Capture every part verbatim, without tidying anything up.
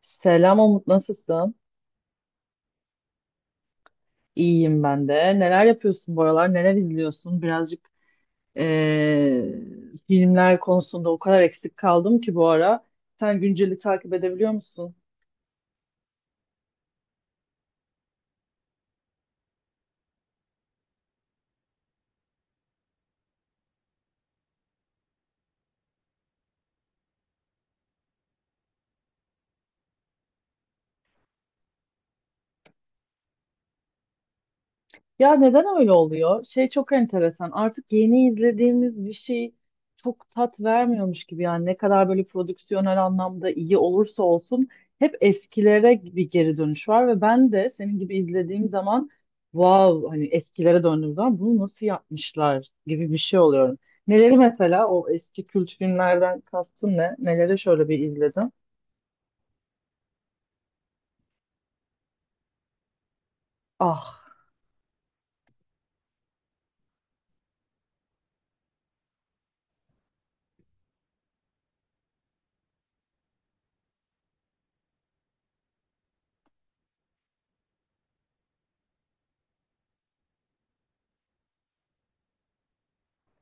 Selam Umut, nasılsın? İyiyim ben de. Neler yapıyorsun bu aralar? Neler izliyorsun? Birazcık eee, filmler konusunda o kadar eksik kaldım ki bu ara. Sen günceli takip edebiliyor musun? Ya neden öyle oluyor? Şey çok enteresan. Artık yeni izlediğimiz bir şey çok tat vermiyormuş gibi yani ne kadar böyle prodüksiyonel anlamda iyi olursa olsun hep eskilere bir geri dönüş var ve ben de senin gibi izlediğim zaman wow, hani eskilere döndüğüm zaman bunu nasıl yapmışlar gibi bir şey oluyorum. Neleri mesela o eski kült filmlerden kastın ne? Neleri şöyle bir izledim? Ah,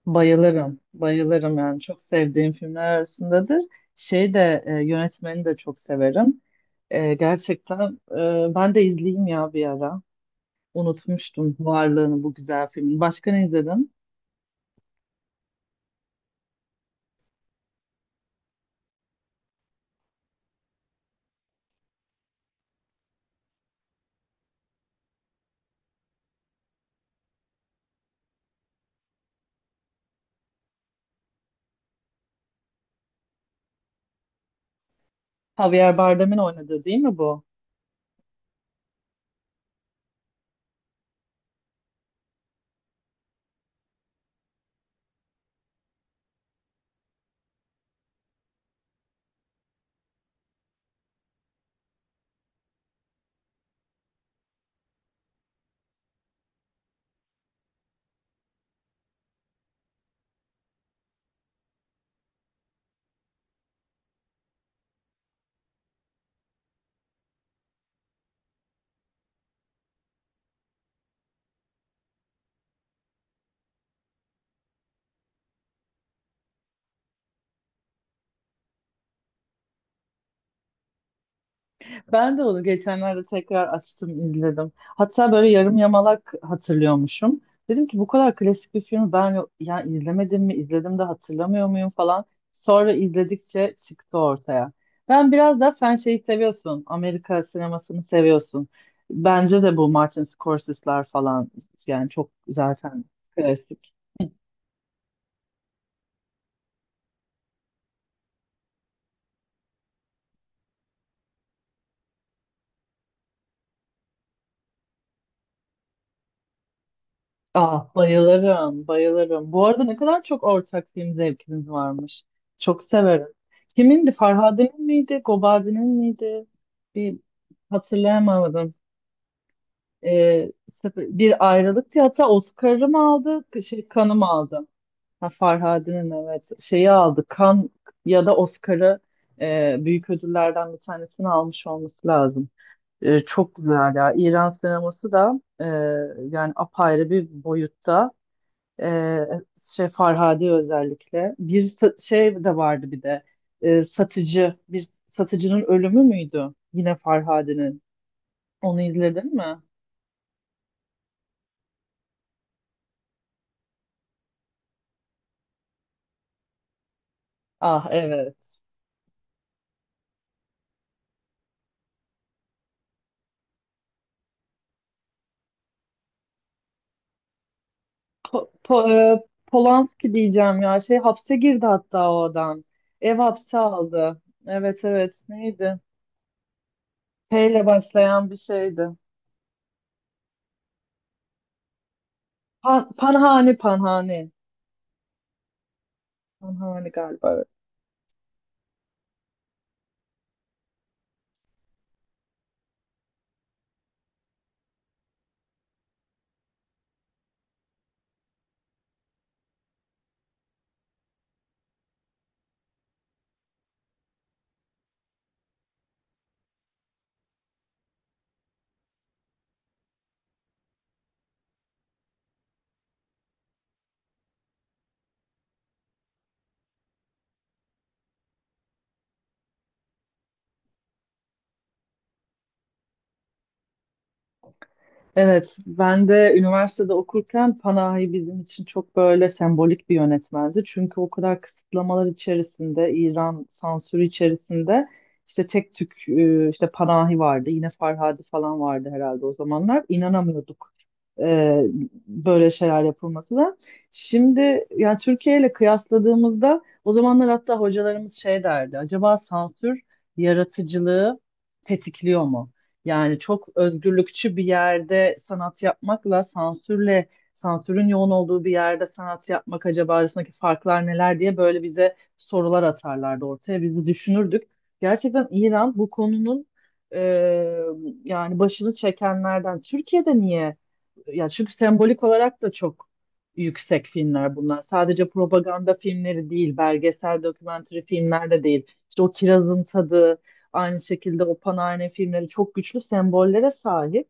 bayılırım, bayılırım yani çok sevdiğim filmler arasındadır. Şey de e, yönetmeni de çok severim. E, gerçekten e, ben de izleyeyim ya bir ara. Unutmuştum varlığını bu güzel filmin. Başka ne izledin? Javier Bardem'in oynadığı değil mi bu? Ben de onu geçenlerde tekrar açtım, izledim. Hatta böyle yarım yamalak hatırlıyormuşum. Dedim ki bu kadar klasik bir filmi ben ya izlemedim mi, izledim de hatırlamıyor muyum falan. Sonra izledikçe çıktı ortaya. Ben biraz da sen şeyi seviyorsun, Amerika sinemasını seviyorsun. Bence de bu Martin Scorsese'ler falan yani çok zaten klasik. Ah, bayılırım, bayılırım. Bu arada ne kadar çok ortak film zevkiniz varmış. Çok severim. Kimindi? Farhade'nin miydi? Gobazi'nin miydi? Bir hatırlayamadım. Ee, sefer- bir ayrılıktı, hatta Oscar'ı mı aldı? Şey, kanı mı aldı? Ha, Farhade'nin evet. Şeyi aldı. Kan ya da Oscar'ı, e, büyük ödüllerden bir tanesini almış olması lazım. E, çok güzel ya. İran sineması da e, yani apayrı bir boyutta. Ee, şey Farhadi özellikle. Bir sa- şey de vardı bir de. Ee, satıcı. Bir satıcının ölümü müydü? Yine Farhadi'nin. Onu izledin mi? Ah evet. Po Po- e, Polanski diyeceğim ya. Şey hapse girdi hatta o adam. Ev hapse aldı. Evet, evet. Neydi? P ile başlayan bir şeydi. Pa- Panhani, Panhani. Panhani galiba. Evet, ben de üniversitede okurken Panahi bizim için çok böyle sembolik bir yönetmendi. Çünkü o kadar kısıtlamalar içerisinde, İran sansürü içerisinde işte tek tük e, işte Panahi vardı. Yine Farhadi falan vardı herhalde o zamanlar. İnanamıyorduk e, böyle şeyler yapılması da. Şimdi yani Türkiye ile kıyasladığımızda o zamanlar hatta hocalarımız şey derdi. Acaba sansür yaratıcılığı tetikliyor mu? Yani çok özgürlükçü bir yerde sanat yapmakla sansürle sansürün yoğun olduğu bir yerde sanat yapmak acaba arasındaki farklar neler diye böyle bize sorular atarlardı ortaya. Biz de düşünürdük. Gerçekten İran bu konunun e, yani başını çekenlerden. Türkiye'de niye? Ya çünkü sembolik olarak da çok yüksek filmler bunlar. Sadece propaganda filmleri değil, belgesel, dokümantary filmler de değil. İşte o Kirazın Tadı, aynı şekilde o Panarne filmleri çok güçlü sembollere sahip.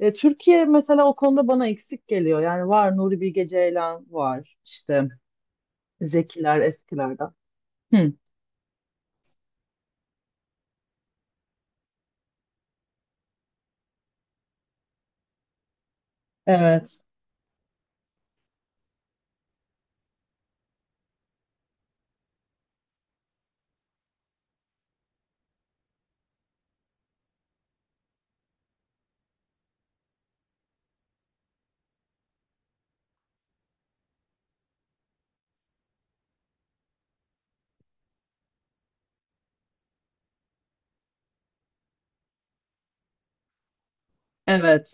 E, Türkiye mesela o konuda bana eksik geliyor. Yani var, Nuri Bilge Ceylan var, işte Zekiler eskilerden. Hı. Evet, evet,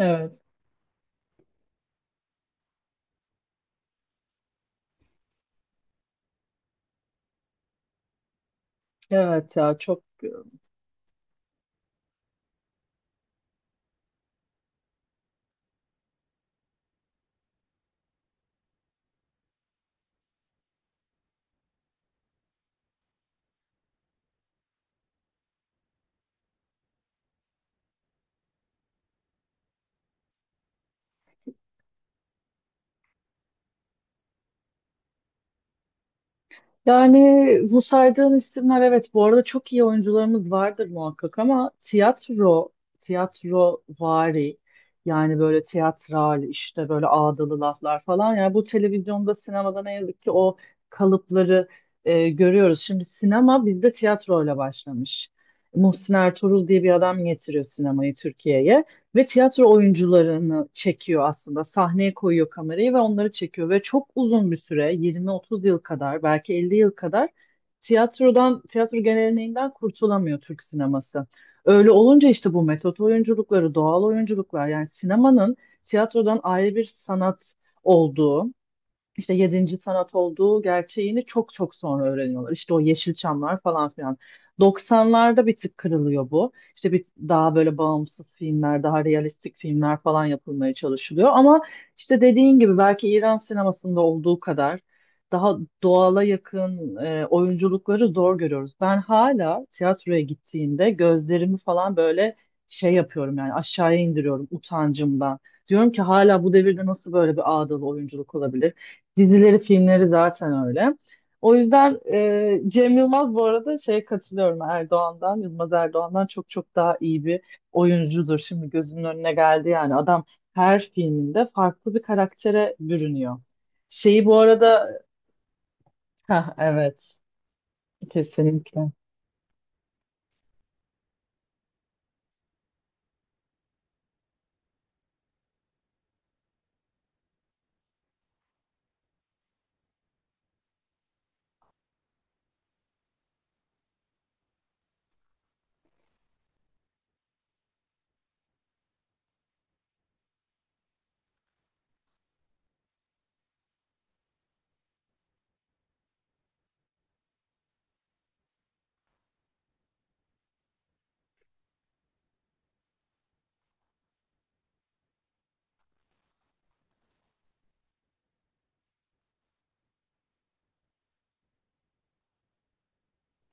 evet, evet ya çok. Yani bu saydığın isimler evet, bu arada çok iyi oyuncularımız vardır muhakkak ama tiyatro, tiyatro vari yani böyle tiyatral işte böyle ağdalı laflar falan yani bu televizyonda sinemada ne yazık ki o kalıpları e, görüyoruz. Şimdi sinema bizde tiyatroyla başlamış. Muhsin Ertuğrul diye bir adam getiriyor sinemayı Türkiye'ye. Ve tiyatro oyuncularını çekiyor aslında. Sahneye koyuyor kamerayı ve onları çekiyor. Ve çok uzun bir süre, yirmi otuz yıl kadar, belki elli yıl kadar tiyatrodan, tiyatro geleneğinden kurtulamıyor Türk sineması. Öyle olunca işte bu metot oyunculukları, doğal oyunculuklar yani sinemanın tiyatrodan ayrı bir sanat olduğu, işte yedinci sanat olduğu gerçeğini çok çok sonra öğreniyorlar. İşte o Yeşilçamlar falan filan. doksanlarda bir tık kırılıyor bu. İşte bir daha böyle bağımsız filmler, daha realistik filmler falan yapılmaya çalışılıyor. Ama işte dediğin gibi belki İran sinemasında olduğu kadar daha doğala yakın e, oyunculukları zor görüyoruz. Ben hala tiyatroya gittiğimde gözlerimi falan böyle şey yapıyorum yani aşağıya indiriyorum utancımdan. Diyorum ki hala bu devirde nasıl böyle bir ağdalı oyunculuk olabilir? Dizileri, filmleri zaten öyle. O yüzden e, Cem Yılmaz bu arada şeye katılıyorum, Erdoğan'dan, Yılmaz Erdoğan'dan çok çok daha iyi bir oyuncudur. Şimdi gözümün önüne geldi yani adam her filminde farklı bir karaktere bürünüyor. Şeyi bu arada, ha evet, kesinlikle.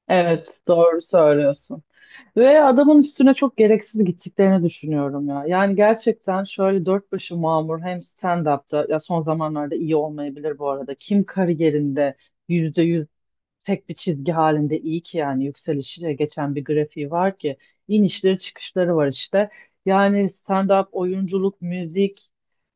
Evet, doğru söylüyorsun. Ve adamın üstüne çok gereksiz gittiklerini düşünüyorum ya. Yani gerçekten şöyle dört başı mamur hem stand-up'ta, ya son zamanlarda iyi olmayabilir bu arada. Kim kariyerinde yüzde tek bir çizgi halinde iyi ki yani yükselişiyle geçen bir grafiği var ki inişleri çıkışları var işte. Yani stand-up, oyunculuk, müzik,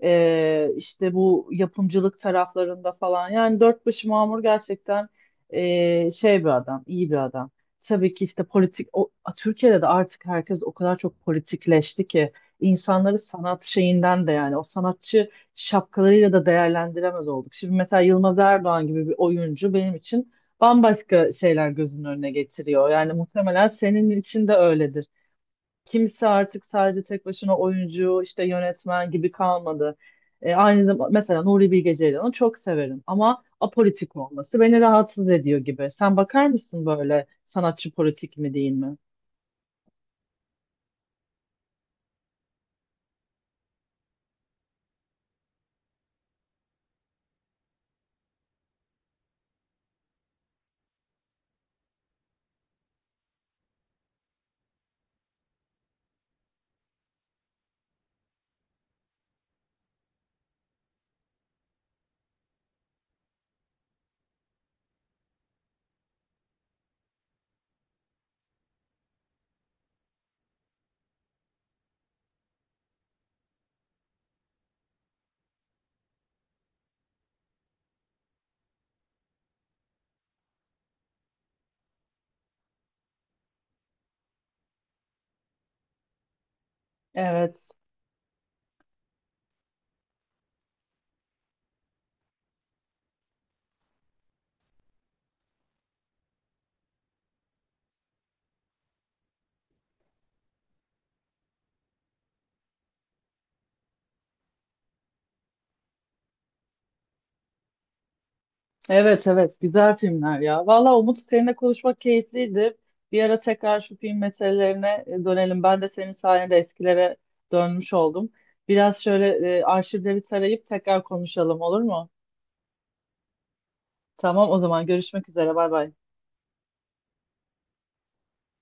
e, işte bu yapımcılık taraflarında falan yani dört başı mamur gerçekten e, şey bir adam, iyi bir adam. Tabii ki işte politik, o, Türkiye'de de artık herkes o kadar çok politikleşti ki insanları sanat şeyinden de yani o sanatçı şapkalarıyla da değerlendiremez olduk. Şimdi mesela Yılmaz Erdoğan gibi bir oyuncu benim için bambaşka şeyler gözünün önüne getiriyor. Yani muhtemelen senin için de öyledir. Kimse artık sadece tek başına oyuncu, işte yönetmen gibi kalmadı. E, aynı zamanda mesela Nuri Bilge Ceylan'ı çok severim ama apolitik olması beni rahatsız ediyor gibi. Sen bakar mısın böyle sanatçı politik mi değil mi? Evet. Evet, evet, güzel filmler ya. Valla Umut, seninle konuşmak keyifliydi. Bir ara tekrar şu film meselelerine e, dönelim. Ben de senin sayende eskilere dönmüş oldum. Biraz şöyle e, arşivleri tarayıp tekrar konuşalım olur mu? Tamam, o zaman görüşmek üzere, bay bay.